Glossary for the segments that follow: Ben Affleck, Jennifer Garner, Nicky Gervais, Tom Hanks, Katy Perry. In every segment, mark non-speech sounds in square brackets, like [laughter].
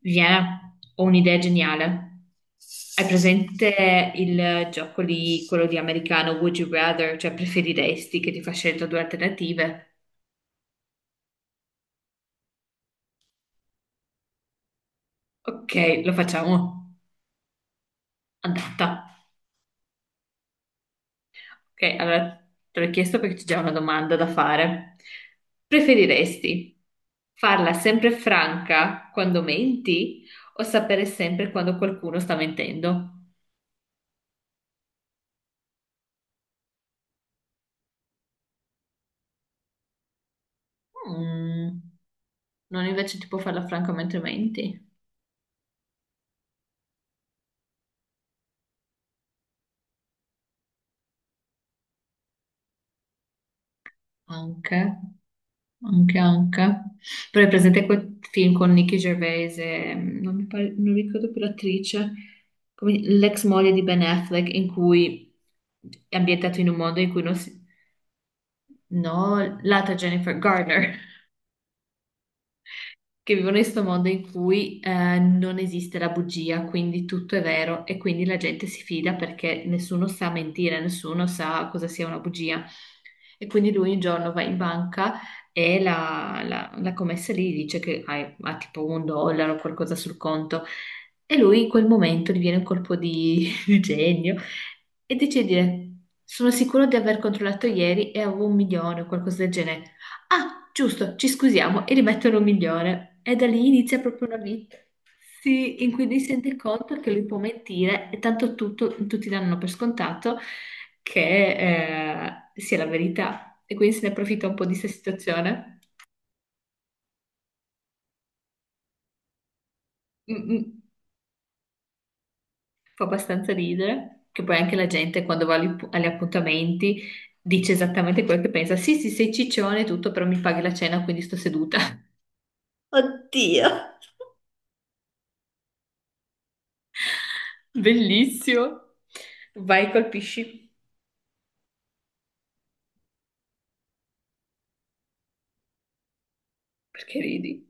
Viene, ho un'idea geniale. Hai presente il gioco lì, quello di americano Would you rather, cioè preferiresti che ti fa scelta due alternative? Ok, lo facciamo. Andata. Ok, allora te l'ho chiesto perché c'è già una domanda da fare. Preferiresti farla sempre franca quando menti o sapere sempre quando qualcuno sta mentendo? Mm, non invece tipo farla franca mentre menti? Anche. Anche, anche. Però è presente quel film con Nicky Gervais e non mi pare- non ricordo più l'attrice, come- l'ex moglie di Ben Affleck, in cui è ambientato in un mondo in cui non si... No, l'altra Jennifer Garner. Che vivono in questo mondo in cui non esiste la bugia, quindi tutto è vero e quindi la gente si fida perché nessuno sa mentire, nessuno sa cosa sia una bugia. E quindi lui un giorno va in banca e la commessa lì dice che ha tipo un dollaro o qualcosa sul conto e lui in quel momento gli viene un colpo di, [laughs] di genio e decide di dire sono sicuro di aver controllato ieri e avevo un milione o qualcosa del genere. Ah, giusto, ci scusiamo e rimettono un milione. E da lì inizia proprio una vita. Sì, in cui lui si rende conto che lui può mentire e tanto tutto, tutti danno per scontato che sia la verità. E quindi se ne approfitta un po' di questa situazione. Mm, mm, fa abbastanza ridere, che poi anche la gente quando va agli appuntamenti dice esattamente quello che pensa. Sì, sì, sei ciccione e tutto, però mi paghi la cena, quindi sto seduta. [laughs] Oddio. Bellissimo. Vai, colpisci. Perché ridi?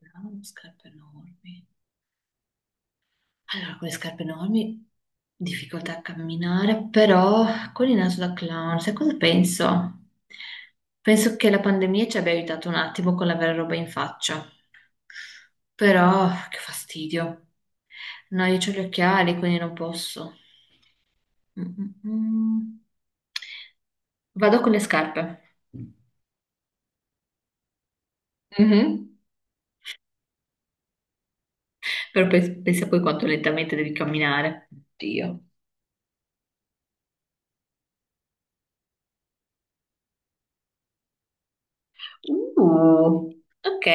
Avevamo scarpe enormi. Allora, con le scarpe enormi, difficoltà a camminare, però con il naso da clown, sai cosa penso? Penso che la pandemia ci abbia aiutato un attimo con l'avere roba in faccia, però che fastidio. No, io ho gli occhiali, quindi non posso. Mm, mm, mm. Vado con le scarpe. Mhm. Però pensa poi quanto lentamente devi camminare. Dio. Uh, ok.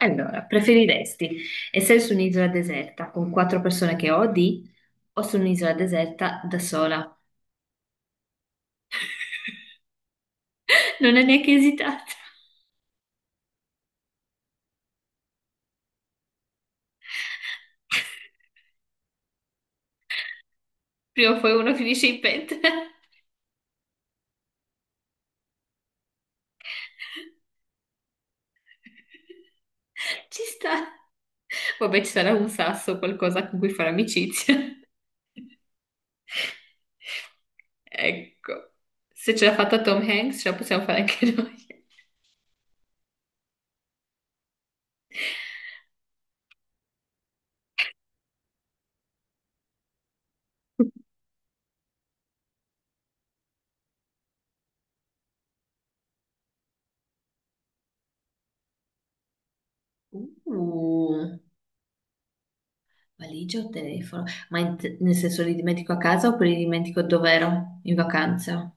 Allora, preferiresti essere su un'isola deserta con quattro persone che odi o su un'isola deserta da sola? Non è neanche esitata. [laughs] Prima o poi uno finisce in pentola. [laughs] Ci sta. Vabbè, ci sarà un sasso, qualcosa con cui fare amicizia. [laughs] Ecco. Se ce l'ha fatta Tom Hanks, ce la possiamo fare anche noi. Uh. Valigia o telefono? Ma nel senso li dimentico a casa oppure li dimentico dove ero in vacanza?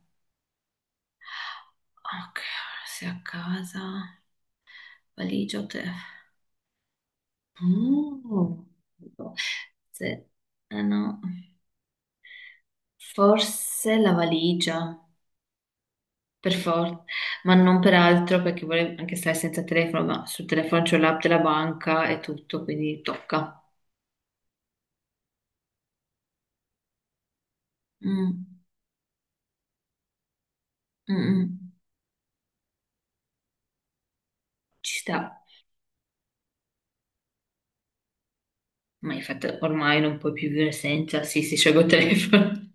Ok, se a casa, valigia o telefono? Mm. Se- eh no. Forse la valigia, per forza, ma non per altro perché volevo anche stare senza telefono, ma sul telefono c'ho l'app della banca e tutto, quindi tocca. Mm, mm, mm. Ci sta, ma infatti ormai non puoi più vivere senza, sì, si scioglie il telefono.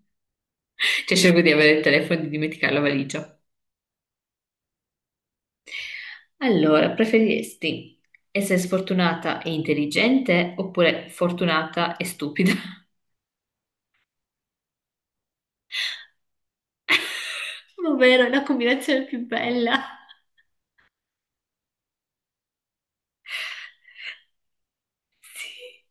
Cioè, cerco di avere il telefono e di dimenticare la valigia. Allora, preferiresti essere sfortunata e intelligente oppure fortunata e stupida? [laughs] Ma vero, è la combinazione più bella. Sì,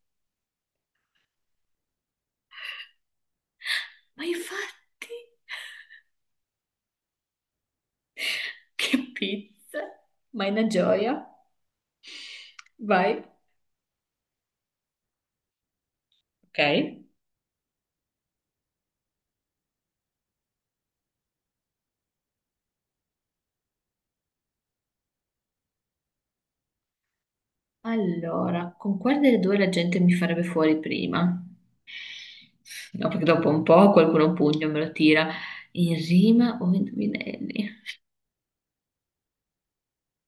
ma infatti, che pizza. Ma è una gioia. Vai. Ok. Allora, con quale delle due la gente mi farebbe fuori prima? No, perché dopo un po' qualcuno un pugno me lo tira in rima o in indovinelli.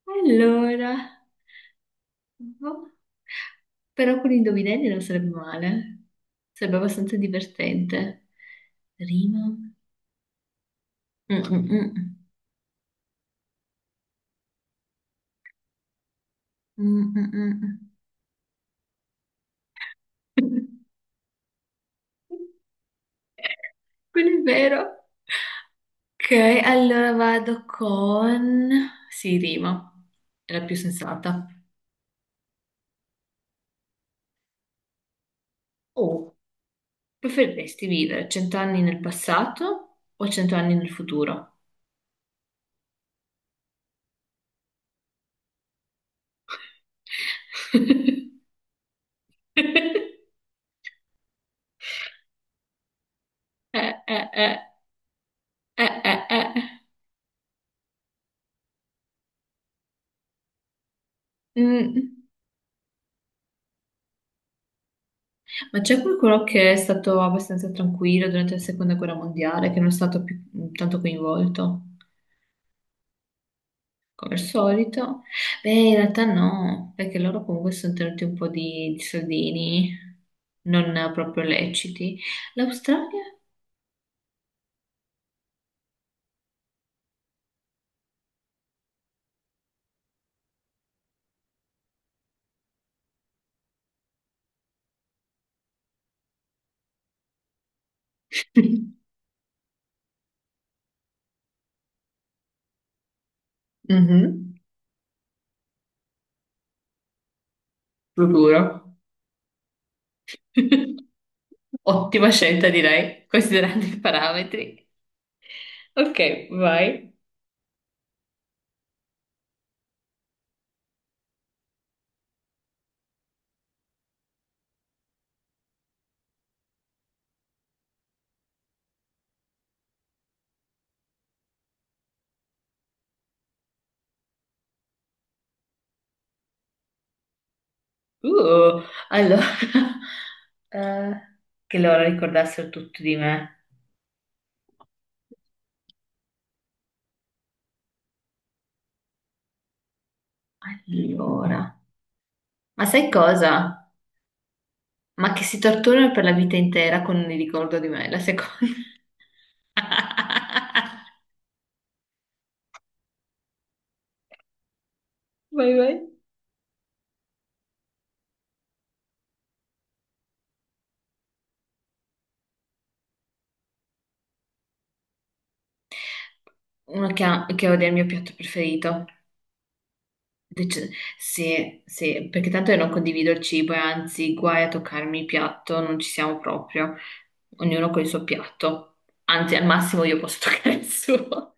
Allora, boh. Però con gli indovinelli non sarebbe male. Sarebbe abbastanza divertente. Rima. Mm, mm, mm. Mm, mm, mm. [laughs] Quello è vero. Ok, allora vado con... Sì, rima. È la più sensata. Oh, preferiresti vivere 100 anni nel passato o 100 anni nel futuro? [laughs] Eh. Eh. Eh. Mm. Ma c'è qualcuno che è stato abbastanza tranquillo durante la seconda guerra mondiale, che non è stato più tanto coinvolto, come al solito? Beh, in realtà no, perché loro comunque si sono tenuti un po' di soldini non proprio leciti. L'Australia? [laughs] Mhm, lo giuro. [laughs] Ottima scelta, direi, considerando i parametri. Ok, vai. Uh, allora, [laughs] eh, che loro ricordassero tutto di me. Allora, ma sai cosa? Ma che si torturano per la vita intera con il ricordo di me, la seconda. [laughs] Vai, vai. Uno che odia il mio piatto preferito. Dice- sì, sì, perché tanto io non condivido il cibo e anzi, guai a toccarmi il piatto, non ci siamo proprio. Ognuno con il suo piatto. Anzi, al massimo io posso [laughs] toccare il suo.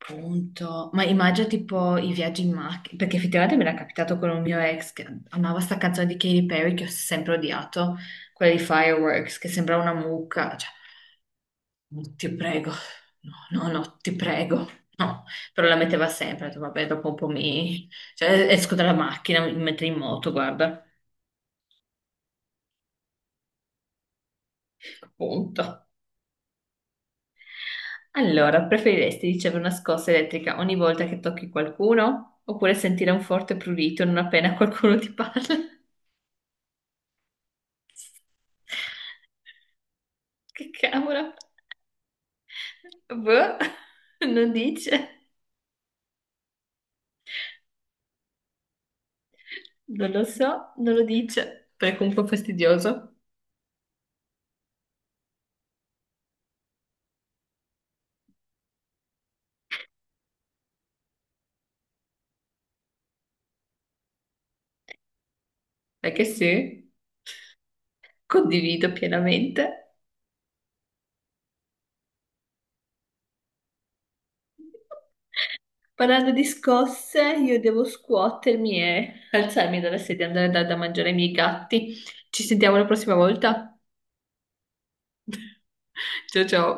Punto. Ma immagino tipo i viaggi in macchina, perché effettivamente me l'ha capitato con un mio ex che amava sta canzone di Katy Perry che ho sempre odiato, quella di Fireworks, che sembrava una mucca. Cioè, no, ti prego, no, no, no, ti prego. No, però la metteva sempre, ho detto, vabbè, dopo un po' mi... Cioè, esco dalla macchina, mi metto in moto, guarda. Punto. Allora, preferiresti ricevere una scossa elettrica ogni volta che tocchi qualcuno oppure sentire un forte prurito non appena qualcuno ti parla? Che cavolo? Boh, non dice. Non lo so, non lo dice. Però è comunque fastidioso. È che sì, condivido pienamente. Parlando di scosse, io devo scuotermi e alzarmi dalla sedia e andare a dare da mangiare ai miei gatti. Ci sentiamo la prossima volta. Ciao ciao.